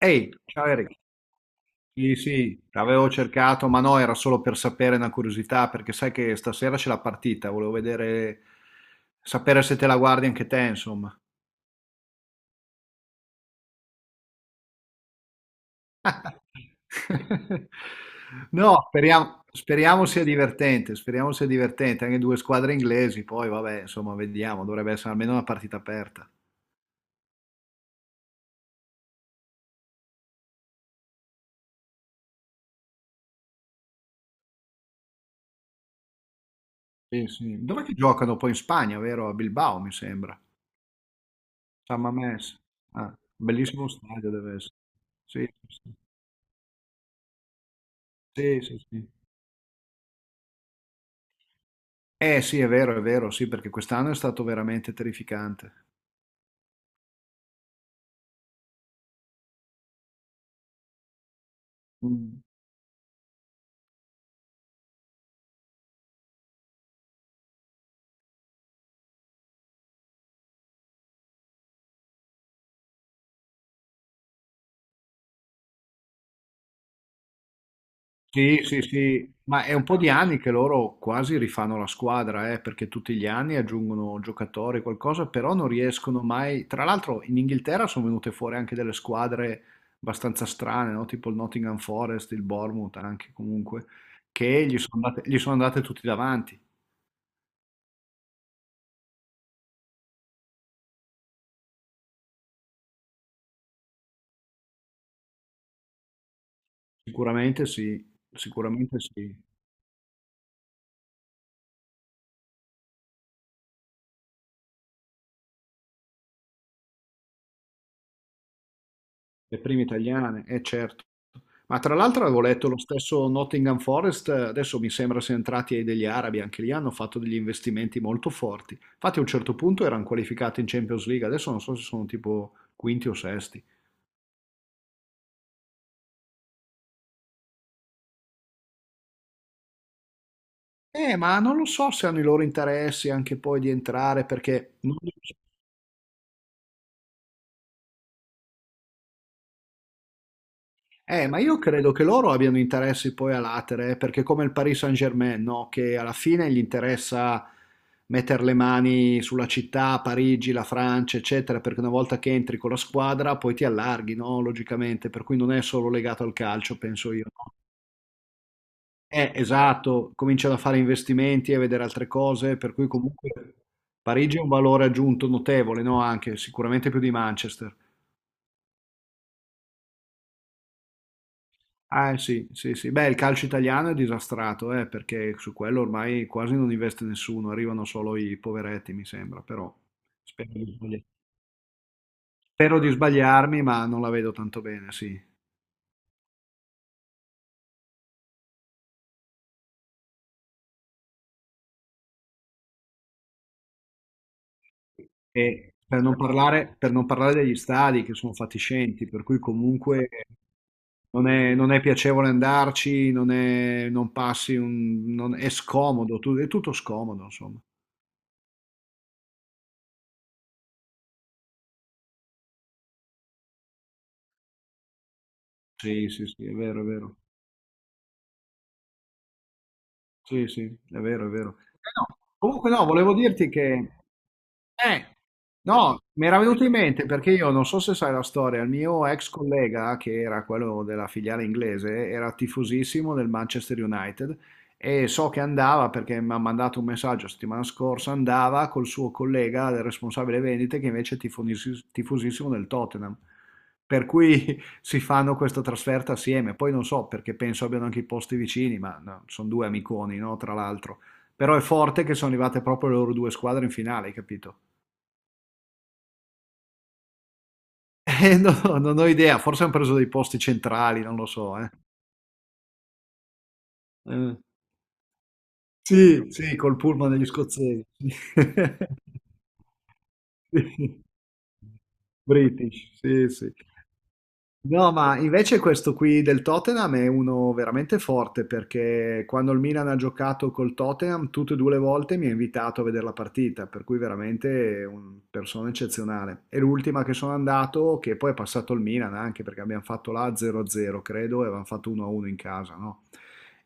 Ehi, ciao Eric. Sì, sì, avevo cercato, ma no, era solo per sapere una curiosità, perché sai che stasera c'è la partita, volevo vedere, sapere se te la guardi anche te, insomma. No, speriamo, speriamo sia divertente, anche due squadre inglesi, poi vabbè, insomma, vediamo, dovrebbe essere almeno una partita aperta. Sì, sì. Dov'è che giocano poi in Spagna, vero? A Bilbao, mi sembra. San Mamés. Ah, bellissimo stadio deve essere. Sì, sì. Sì, sì, sì. Eh sì, è vero, sì, perché quest'anno è stato veramente terrificante. Mm. Sì, sì, sì, ma è un po' di anni che loro quasi rifanno la squadra, perché tutti gli anni aggiungono giocatori, qualcosa, però non riescono mai. Tra l'altro in Inghilterra sono venute fuori anche delle squadre abbastanza strane, no? Tipo il Nottingham Forest, il Bournemouth anche comunque, che gli sono andate tutti davanti. Sicuramente sì, sicuramente sì. Le prime italiane, eh certo. Ma tra l'altro avevo letto lo stesso Nottingham Forest, adesso mi sembra siano entrati ai degli arabi, anche lì hanno fatto degli investimenti molto forti. Infatti a un certo punto erano qualificati in Champions League, adesso non so se sono tipo quinti o sesti. Ma non lo so se hanno i loro interessi anche poi di entrare, perché non... ma io credo che loro abbiano interessi poi a latere, perché come il Paris Saint-Germain, no? Che alla fine gli interessa mettere le mani sulla città, Parigi, la Francia, eccetera, perché una volta che entri con la squadra poi ti allarghi, no? Logicamente, per cui non è solo legato al calcio, penso io, no? Esatto, cominciano a fare investimenti e a vedere altre cose, per cui comunque Parigi è un valore aggiunto notevole, no? Anche sicuramente più di Manchester. Ah, sì, sì, sì. Beh, il calcio italiano è disastrato, perché su quello ormai quasi non investe nessuno, arrivano solo i poveretti, mi sembra, però spero di sbagliarmi, spero di sbagliarmi, ma non la vedo tanto bene, sì. E per non parlare degli stadi che sono fatiscenti, per cui comunque non è, non è piacevole andarci, non è, non passi un, è scomodo, è tutto scomodo, insomma. Sì, sì, sì, è vero, è vero. Sì, sì, è vero, è vero. Eh no, comunque no, volevo dirti che eh, no, mi era venuto in mente perché io non so se sai la storia, il mio ex collega, che era quello della filiale inglese, era tifosissimo del Manchester United e so che andava perché mi ha mandato un messaggio la settimana scorsa, andava col suo collega, il responsabile vendite, che invece è tifosissimo del Tottenham. Per cui si fanno questa trasferta assieme, poi non so perché penso abbiano anche i posti vicini, ma no, sono due amiconi, no, tra l'altro. Però è forte che sono arrivate proprio le loro due squadre in finale, hai capito? No, non ho idea, forse han preso dei posti centrali, non lo so, eh. Eh. Sì, sì, col pullman degli scozzesi. British, sì, sì. No, ma invece questo qui del Tottenham è uno veramente forte perché quando il Milan ha giocato col Tottenham tutte e due le volte mi ha invitato a vedere la partita, per cui veramente è una persona eccezionale. E l'ultima che sono andato, che poi è passato il Milan anche perché abbiamo fatto la 0-0 credo e avevamo fatto 1-1 in casa, no?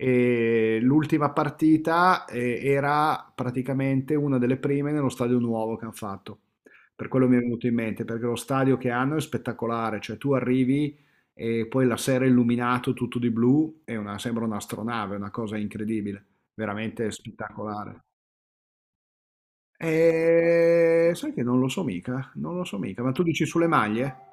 E l'ultima partita era praticamente una delle prime nello stadio nuovo che hanno fatto. Per quello mi è venuto in mente, perché lo stadio che hanno è spettacolare, cioè tu arrivi e poi la sera è illuminato tutto di blu, è una- sembra un'astronave, è una cosa incredibile, veramente spettacolare. E sai che non lo so mica, non lo so mica, ma tu dici sulle maglie?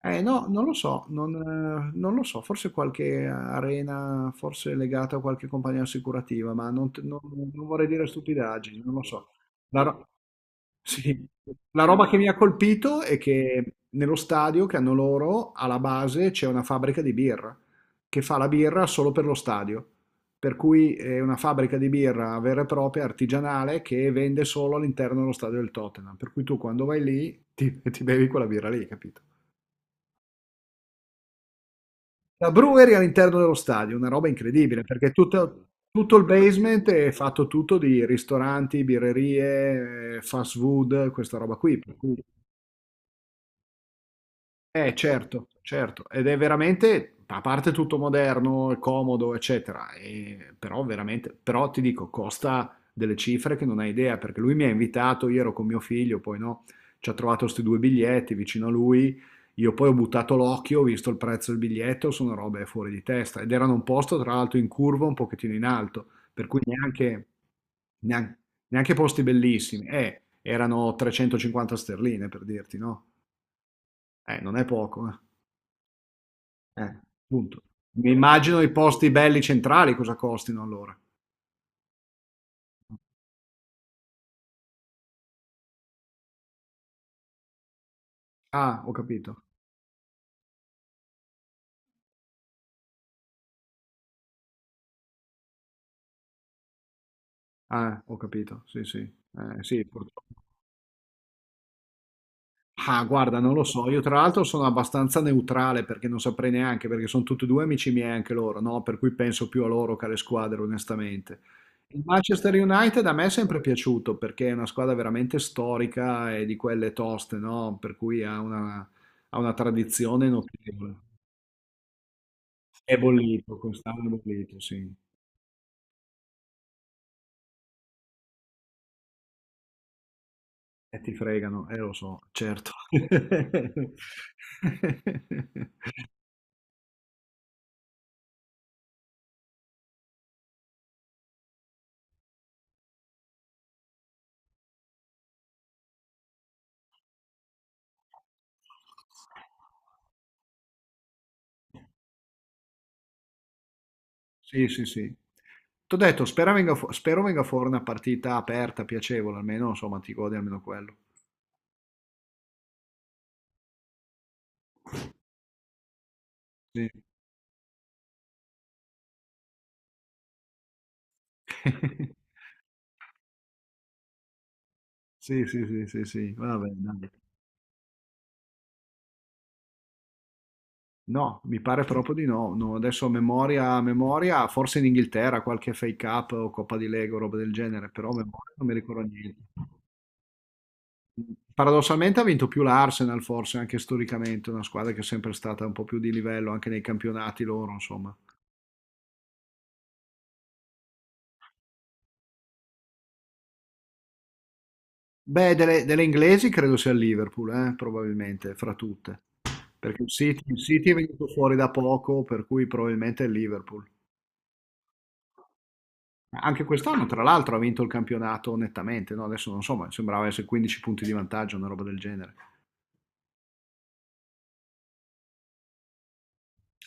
Eh no, non lo so, non, non lo so, forse qualche arena, forse legata a qualche compagnia assicurativa, ma non, non vorrei dire stupidaggini, non lo so. La, ro- sì. La roba che mi ha colpito è che nello stadio che hanno loro, alla base, c'è una fabbrica di birra, che fa la birra solo per lo stadio, per cui è una fabbrica di birra vera e propria, artigianale, che vende solo all'interno dello stadio del Tottenham, per cui tu quando vai lì ti bevi quella birra lì, capito? La brewery all'interno dello stadio, una roba incredibile, perché tutto, tutto il basement è fatto tutto di ristoranti, birrerie, fast food, questa roba qui. Per cui certo, certo, ed è veramente, a parte tutto moderno, è comodo, eccetera, però veramente, però ti dico, costa delle cifre che non hai idea, perché lui mi ha invitato, io ero con mio figlio, poi no, ci ha trovato questi due biglietti vicino a lui, io poi ho buttato l'occhio, ho visto il prezzo del biglietto, sono robe fuori di testa, ed erano un posto tra l'altro in curva un pochettino in alto, per cui neanche, neanche, neanche posti bellissimi, erano 350 sterline per dirti, no? Non è poco, eh. Eh, punto. Mi immagino i posti belli centrali cosa costino allora. Ah, ho capito. Ah, ho capito. Sì, sì. Sì, purtroppo. Ah, guarda, non lo so. Io tra l'altro sono abbastanza neutrale perché non saprei neanche, perché sono tutti e due amici miei anche loro, no? Per cui penso più a loro che alle squadre, onestamente. Il Manchester United a me è sempre piaciuto perché è una squadra veramente storica e di quelle toste, no? Per cui ha una tradizione notevole. È bollito, quest'anno è bollito, sì. E ti fregano, lo so, certo. Sì, sì, sì. T'ho detto, spero venga fuori una partita aperta, piacevole, almeno, insomma, ti godi almeno quello. Sì. Sì, sì, sì, sì, sì, vabbè, dai. No, mi pare proprio di no. No, adesso a memoria, forse in Inghilterra qualche FA Cup o Coppa di Lega o roba del genere, però a memoria non mi ricordo niente. Paradossalmente ha vinto più l'Arsenal, forse anche storicamente, una squadra che è sempre stata un po' più di livello anche nei campionati loro, insomma. Beh, delle, delle inglesi credo sia il Liverpool, probabilmente, fra tutte, perché il City è venuto fuori da poco, per cui probabilmente è il Liverpool. Anche quest'anno, tra l'altro, ha vinto il campionato nettamente, no? Adesso non so, ma sembrava essere 15 punti di vantaggio, una roba del genere.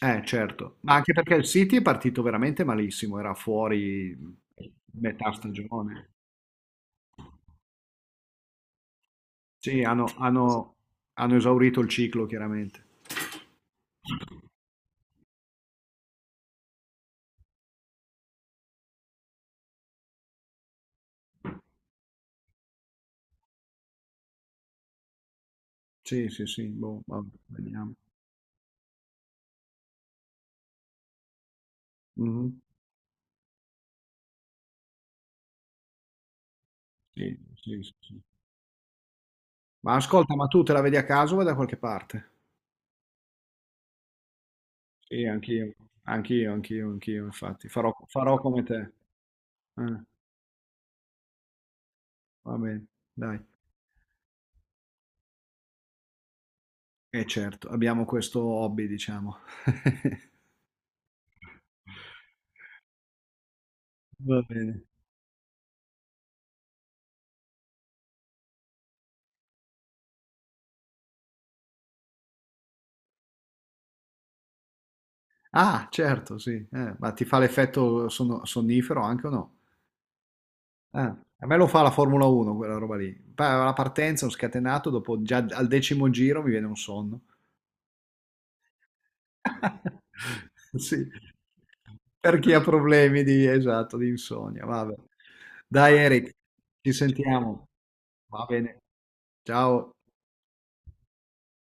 Certo, ma anche perché il City è partito veramente malissimo, era fuori metà stagione. Sì, hanno esaurito il ciclo, chiaramente. Sì, sì, sì, boh, vabbè, vediamo. Mhm. Sì, sì, sì, sì. Ma ascolta, ma tu te la vedi a caso o da qualche parte? Sì, anch'io, anch'io, anch'io, anch'io, infatti. Farò, farò come te. Eh, va bene, dai. E certo, abbiamo questo hobby, diciamo. Va bene. Ah, certo, sì. Eh, ma ti fa l'effetto sonnifero anche o no? Ah, a me lo fa la Formula 1 quella roba lì. La partenza, ho scatenato, dopo già al decimo giro mi viene un sonno. Sì, per chi ha problemi di, esatto, di insonnia. Vabbè. Dai Eric, ci sentiamo. Va bene. Ciao.